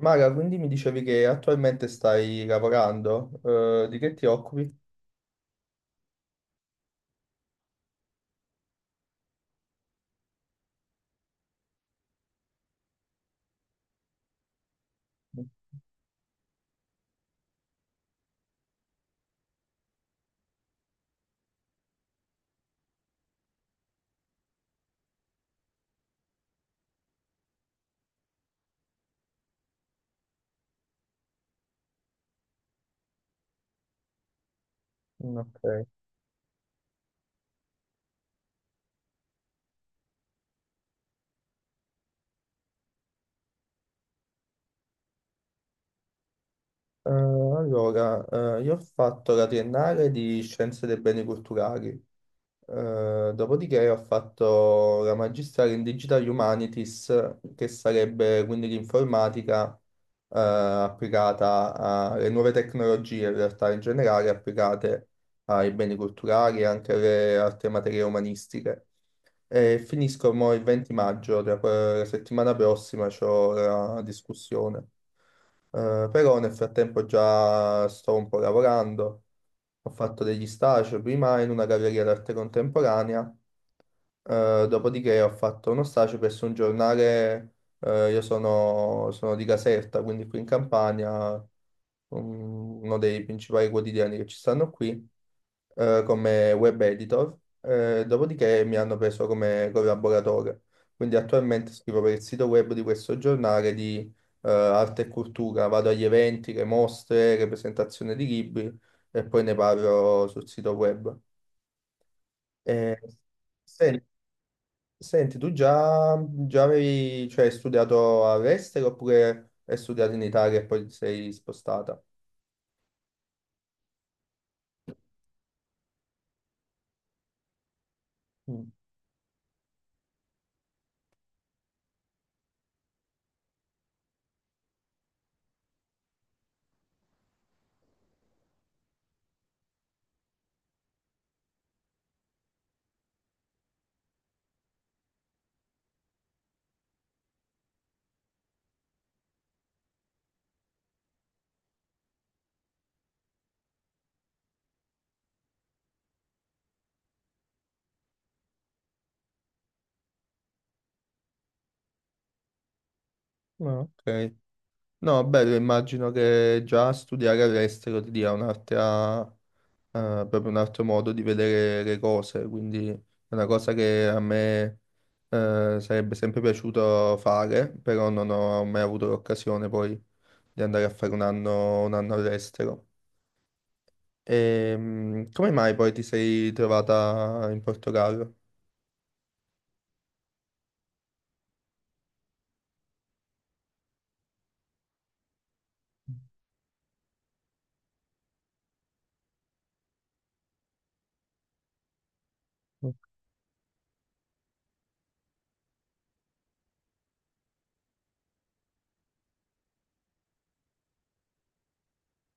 Mara, quindi mi dicevi che attualmente stai lavorando, di che ti occupi? Mm, ok. Allora, io ho fatto la triennale di Scienze dei Beni Culturali. Dopodiché ho fatto la magistrale in Digital Humanities, che sarebbe quindi l'informatica, applicata alle nuove tecnologie, in realtà in generale applicate ai beni culturali e anche alle altre materie umanistiche. E finisco mo il 20 maggio, la settimana prossima c'ho la discussione. Però nel frattempo già sto un po' lavorando, ho fatto degli stage prima in una galleria d'arte contemporanea, dopodiché ho fatto uno stage presso un giornale. Sono di Caserta, quindi qui in Campania, uno dei principali quotidiani che ci stanno qui, come web editor, dopodiché mi hanno preso come collaboratore. Quindi attualmente scrivo per il sito web di questo giornale di arte e cultura, vado agli eventi, le mostre, le presentazioni di libri e poi ne parlo sul sito web. Eh, sen- senti, tu già, hai studiato all'estero oppure hai studiato in Italia e poi ti sei spostata? Mm. Ah, ok. No, bello, immagino che già studiare all'estero ti dia un'altra, proprio un altro modo di vedere le cose, quindi è una cosa che a me, sarebbe sempre piaciuto fare, però non ho mai avuto l'occasione poi di andare a fare un anno all'estero. Come mai poi ti sei trovata in Portogallo?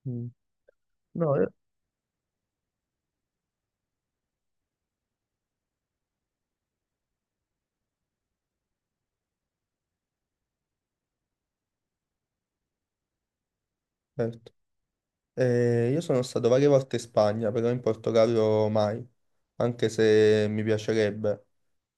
Ok. No, io- certo. Io sono stato varie volte in Spagna, però in Portogallo mai, anche se mi piacerebbe.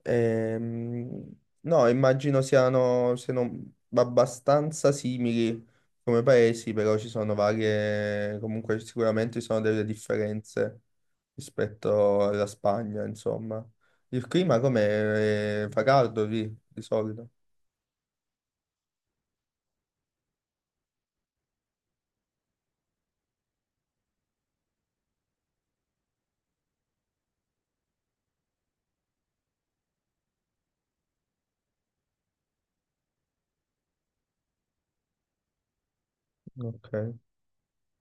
Ehm, no, immagino siano abbastanza simili come paesi, però ci sono varie, comunque sicuramente ci sono delle differenze rispetto alla Spagna, insomma. Il clima com'è? Fa caldo lì, di solito. Ok.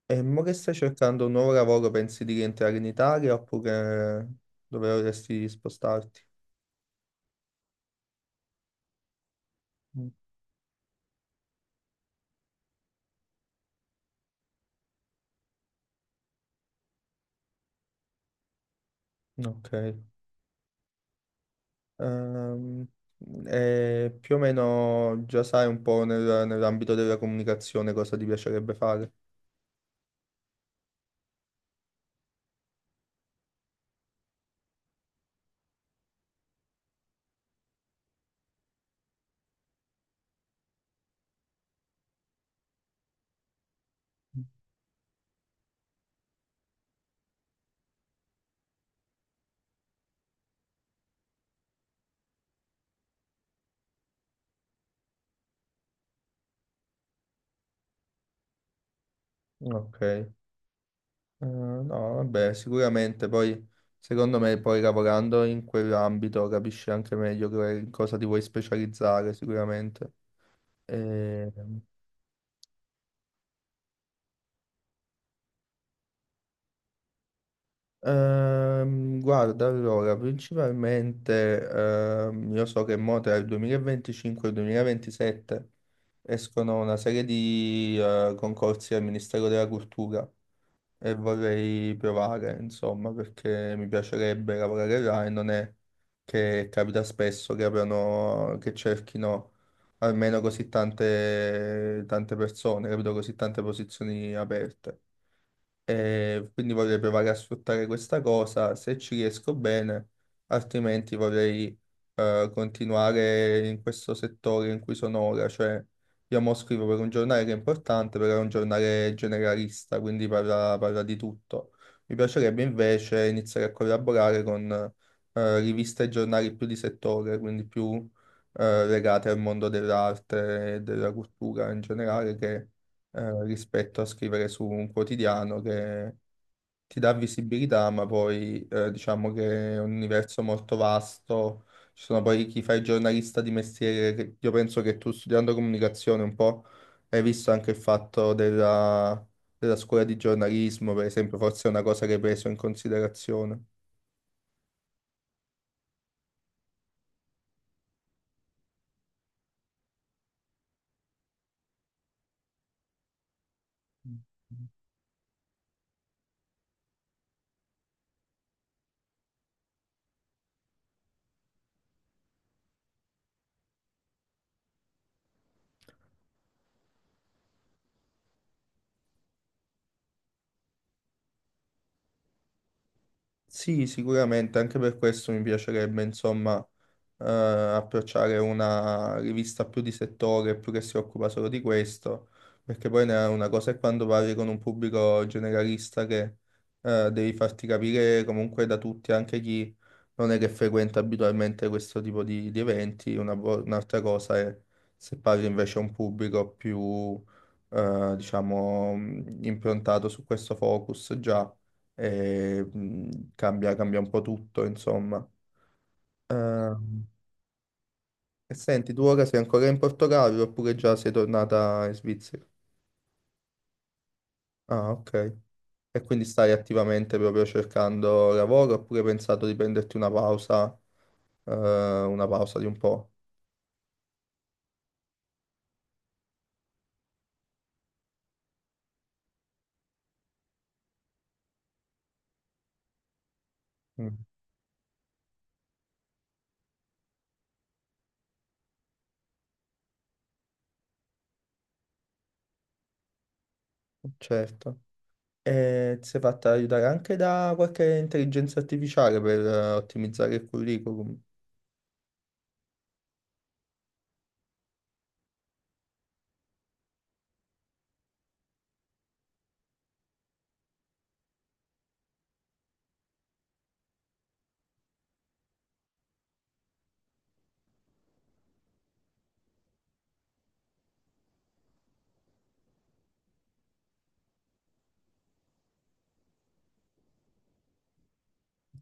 E mo che stai cercando un nuovo lavoro, pensi di rientrare in Italia oppure dove vorresti spostarti? Mm, ok. Ehm, e più o meno già sai un po' nell'ambito della comunicazione cosa ti piacerebbe fare? Ok. No, vabbè, sicuramente poi secondo me poi lavorando in quell'ambito capisci anche meglio in cosa ti vuoi specializzare sicuramente. E guarda, allora, principalmente io so che mo tra il 2025 e il 2027 escono una serie di concorsi al Ministero della Cultura e vorrei provare, insomma, perché mi piacerebbe lavorare là e non è che capita spesso che apriano, che cerchino almeno così tante, tante persone, capito? Così tante posizioni aperte e quindi vorrei provare a sfruttare questa cosa se ci riesco bene, altrimenti vorrei continuare in questo settore in cui sono ora, cioè io mo scrivo per un giornale che è importante, però è un giornale generalista, quindi parla di tutto. Mi piacerebbe invece iniziare a collaborare con riviste e giornali più di settore, quindi più legate al mondo dell'arte e della cultura in generale, che rispetto a scrivere su un quotidiano che ti dà visibilità, ma poi diciamo che è un universo molto vasto. Ci sono poi chi fa il giornalista di mestiere, che io penso che tu studiando comunicazione un po' hai visto anche il fatto della scuola di giornalismo, per esempio, forse è una cosa che hai preso in considerazione. Sì, sicuramente, anche per questo mi piacerebbe, insomma, approcciare una rivista più di settore, più che si occupa solo di questo, perché poi una cosa è quando parli con un pubblico generalista che devi farti capire comunque da tutti, anche chi non è che frequenta abitualmente questo tipo di eventi, un'altra cosa è se parli invece a un pubblico più, diciamo, improntato su questo focus già e cambia un po' tutto, insomma. Mm. E senti, tu ora sei ancora in Portogallo oppure già sei tornata in Svizzera? Ah, ok. E quindi stai attivamente proprio cercando lavoro oppure hai pensato di prenderti eh, una pausa di un po'? Mm, certo. E ti sei fatta aiutare anche da qualche intelligenza artificiale per ottimizzare il curriculum?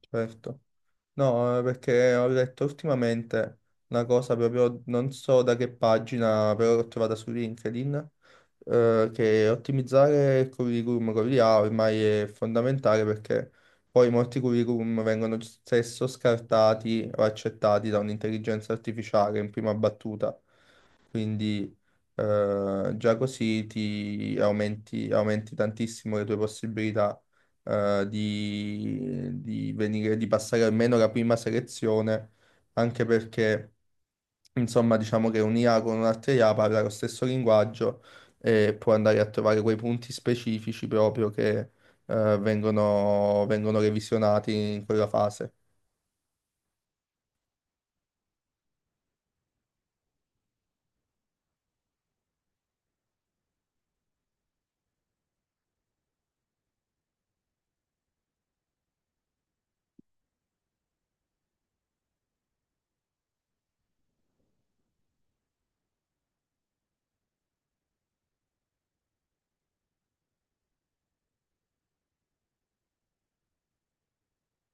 Certo. No, perché ho letto ultimamente una cosa proprio, non so da che pagina, però l'ho trovata su LinkedIn, che ottimizzare il curriculum con l'IA ormai è fondamentale perché poi molti curriculum vengono spesso scartati o accettati da un'intelligenza artificiale in prima battuta, quindi già così ti aumenti, aumenti tantissimo le tue possibilità di venire, di passare almeno la prima selezione, anche perché, insomma, diciamo che un'IA con un'altra IA parla lo stesso linguaggio e può andare a trovare quei punti specifici proprio che vengono revisionati in quella fase.